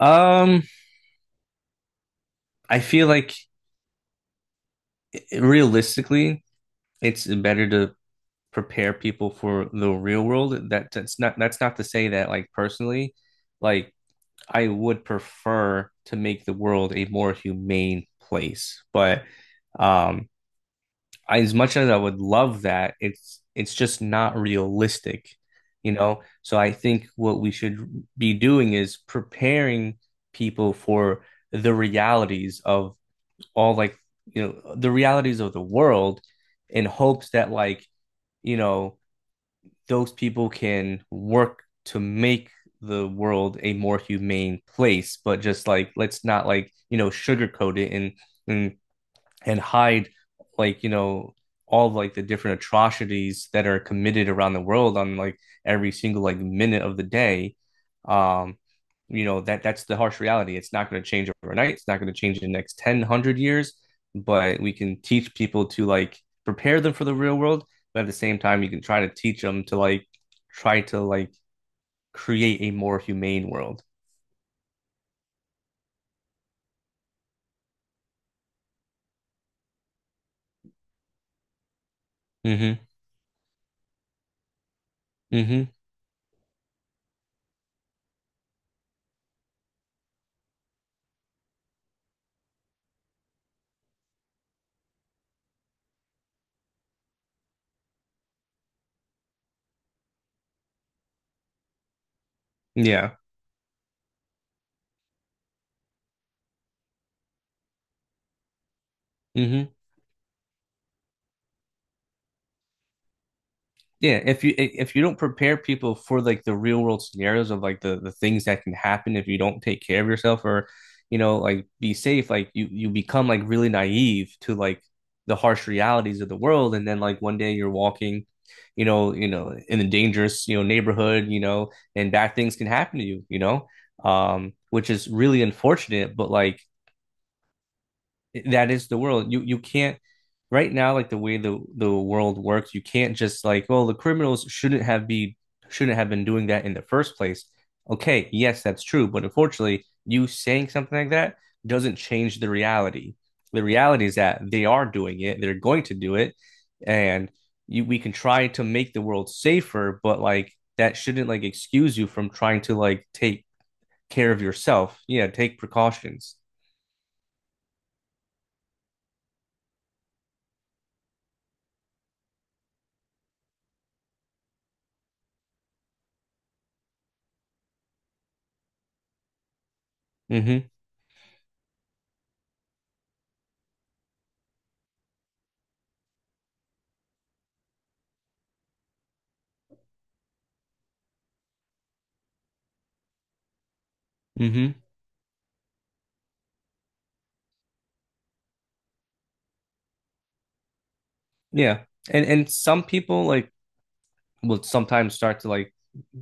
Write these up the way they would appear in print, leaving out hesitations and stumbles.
Um, I feel like realistically, it's better to prepare people for the real world. That's not to say that like personally, like I would prefer to make the world a more humane place. But um, I, as much as I would love that, it's just not realistic, you know? So I think what we should be doing is preparing people for the realities of all, like you know the realities of the world in hopes that like you know those people can work to make the world a more humane place, but just like let's not like you know sugarcoat it and and and hide, like you know, all of, like the different atrocities that are committed around the world on like every single like minute of the day. um you know that's the harsh reality. It's not going to change overnight, it's not going to change in the next 10 100 years, but we can teach people to like prepare them for the real world, but at the same time you can try to teach them to like try to like create a more humane world. Mm-hmm. Mm-hmm. Yeah. Mm-hmm. Yeah, if you don't prepare people for like the real world scenarios of like the things that can happen if you don't take care of yourself or you know like be safe, like you become like really naive to like the harsh realities of the world, and then like one day you're walking, you know, in a dangerous, you know, neighborhood, you know, and bad things can happen to you, you know, which is really unfortunate, but like that is the world. You can't right now, like the way the world works, you can't just like, well, the criminals shouldn't have been doing that in the first place. Okay, yes, that's true, but unfortunately, you saying something like that doesn't change the reality. The reality is that they are doing it, they're going to do it, and you we can try to make the world safer, but like that shouldn't like excuse you from trying to like take care of yourself. Yeah, take precautions. Mm-hmm. Mm-hmm. Yeah. And some people like will sometimes start to like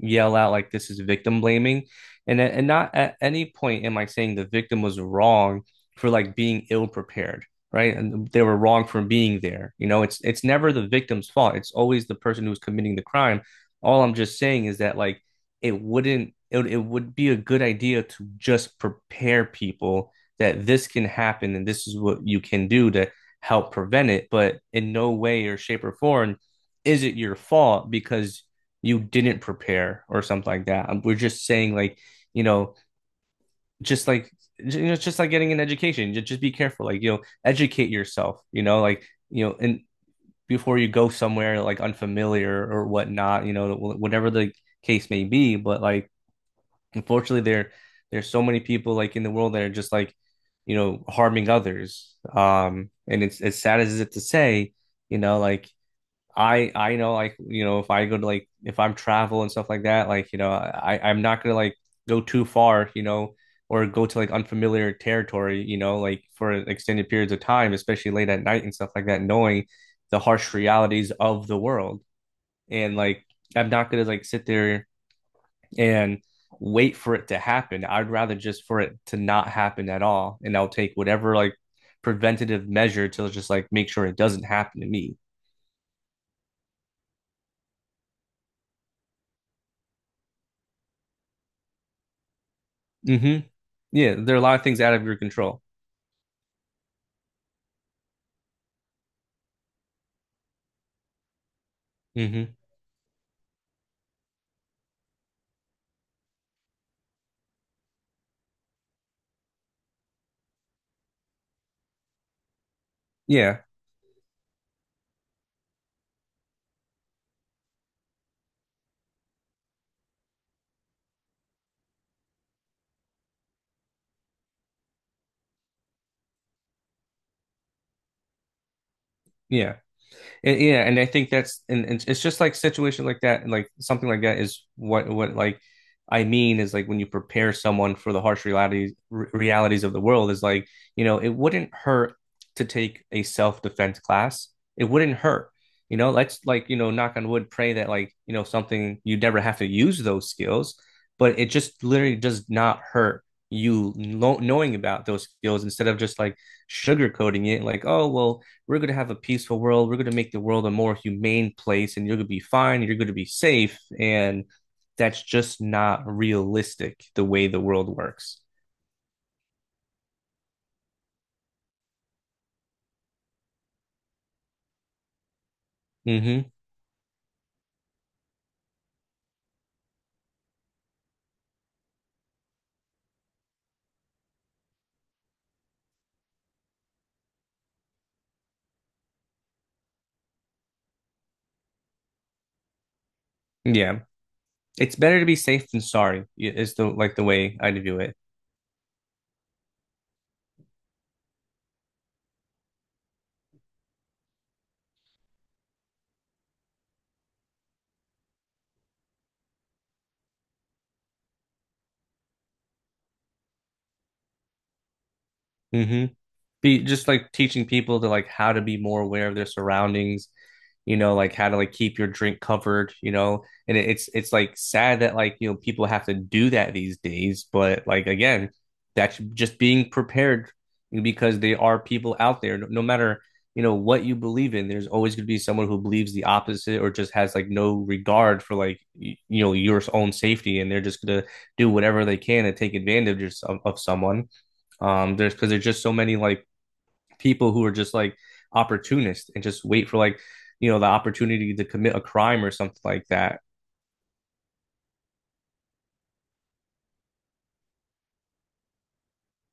yell out like this is victim blaming, and not at any point am I saying the victim was wrong for like being ill prepared, right, and they were wrong for being there, you know, it's never the victim's fault, it's always the person who's committing the crime. All I'm just saying is that like it wouldn't it, it would be a good idea to just prepare people that this can happen and this is what you can do to help prevent it, but in no way or shape or form is it your fault because you didn't prepare or something like that. We're just saying like, you know, just like, you know, it's just like getting an education. Just be careful, like you know, educate yourself. You know, like you know, and before you go somewhere like unfamiliar or whatnot, you know, whatever the case may be. But like, unfortunately, there's so many people like in the world that are just like, you know, harming others. And it's as sad as it is to say, you know, like I know like you know if I go to like if I'm travel and stuff like that like you know I'm not gonna like go too far you know or go to like unfamiliar territory you know like for extended periods of time, especially late at night and stuff like that, knowing the harsh realities of the world. And like I'm not gonna like sit there and wait for it to happen. I'd rather just for it to not happen at all, and I'll take whatever like preventative measure to just like make sure it doesn't happen to me. Mm-hmm. Yeah, there are a lot of things out of your control. Hmm. Yeah, yeah. And, yeah, and I think that's, and it's just like situation like that, and like something like that is what like I mean is like when you prepare someone for the harsh realities realities of the world is like you know it wouldn't hurt to take a self defense class. It wouldn't hurt. You know, let's like you know knock on wood, pray that like you know something you never have to use those skills, but it just literally does not hurt, you know, knowing about those skills instead of just like sugarcoating it like, oh well, we're going to have a peaceful world. We're going to make the world a more humane place and you're going to be fine. You're going to be safe. And that's just not realistic the way the world works. Mm-hmm. Yeah. It's better to be safe than sorry, is the like the way I view it. Mm-hmm. Be just like teaching people to like how to be more aware of their surroundings, you know, like how to like keep your drink covered, you know. And it's like sad that like you know people have to do that these days, but like again that's just being prepared because there are people out there, no matter you know what you believe in there's always going to be someone who believes the opposite or just has like no regard for like you know your own safety, and they're just going to do whatever they can to take advantage of someone. There's because there's just so many like people who are just like opportunists and just wait for like you know the opportunity to commit a crime or something like that.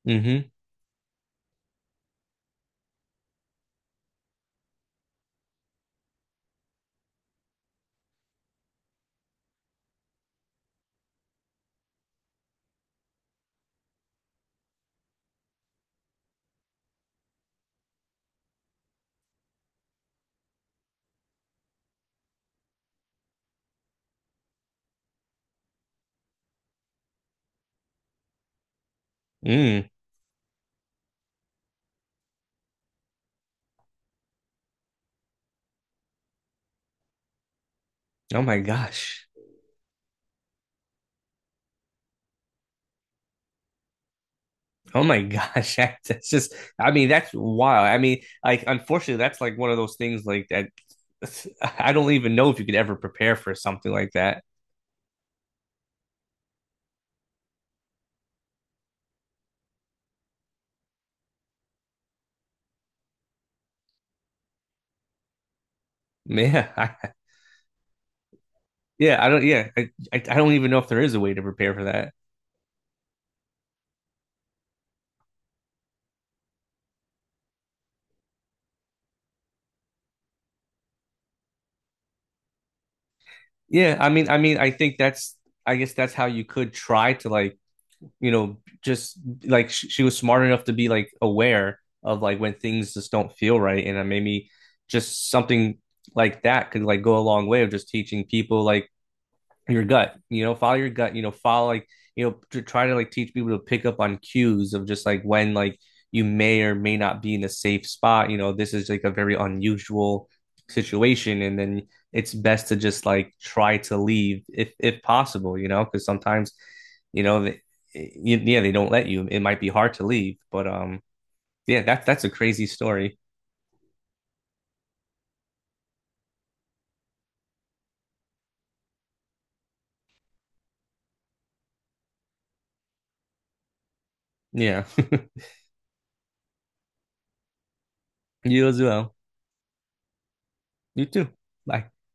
Mm-hmm. Mm. Oh my gosh. Oh my gosh, that's just I mean that's wild. I mean, like unfortunately that's like one of those things like that I don't even know if you could ever prepare for something like that. Yeah. Yeah, I don't yeah, I don't even know if there is a way to prepare for that. Yeah, I mean I think that's, I guess that's how you could try to like you know just like she was smart enough to be like aware of like when things just don't feel right, and maybe just something like that could like go a long way of just teaching people like your gut, you know, follow your gut, you know, follow like you know to try to like teach people to pick up on cues of just like when like you may or may not be in a safe spot, you know, this is like a very unusual situation, and then it's best to just like try to leave if possible, you know, because sometimes you know they, yeah they don't let you, it might be hard to leave, but yeah that's a crazy story. Yeah. You as well. You too. Bye.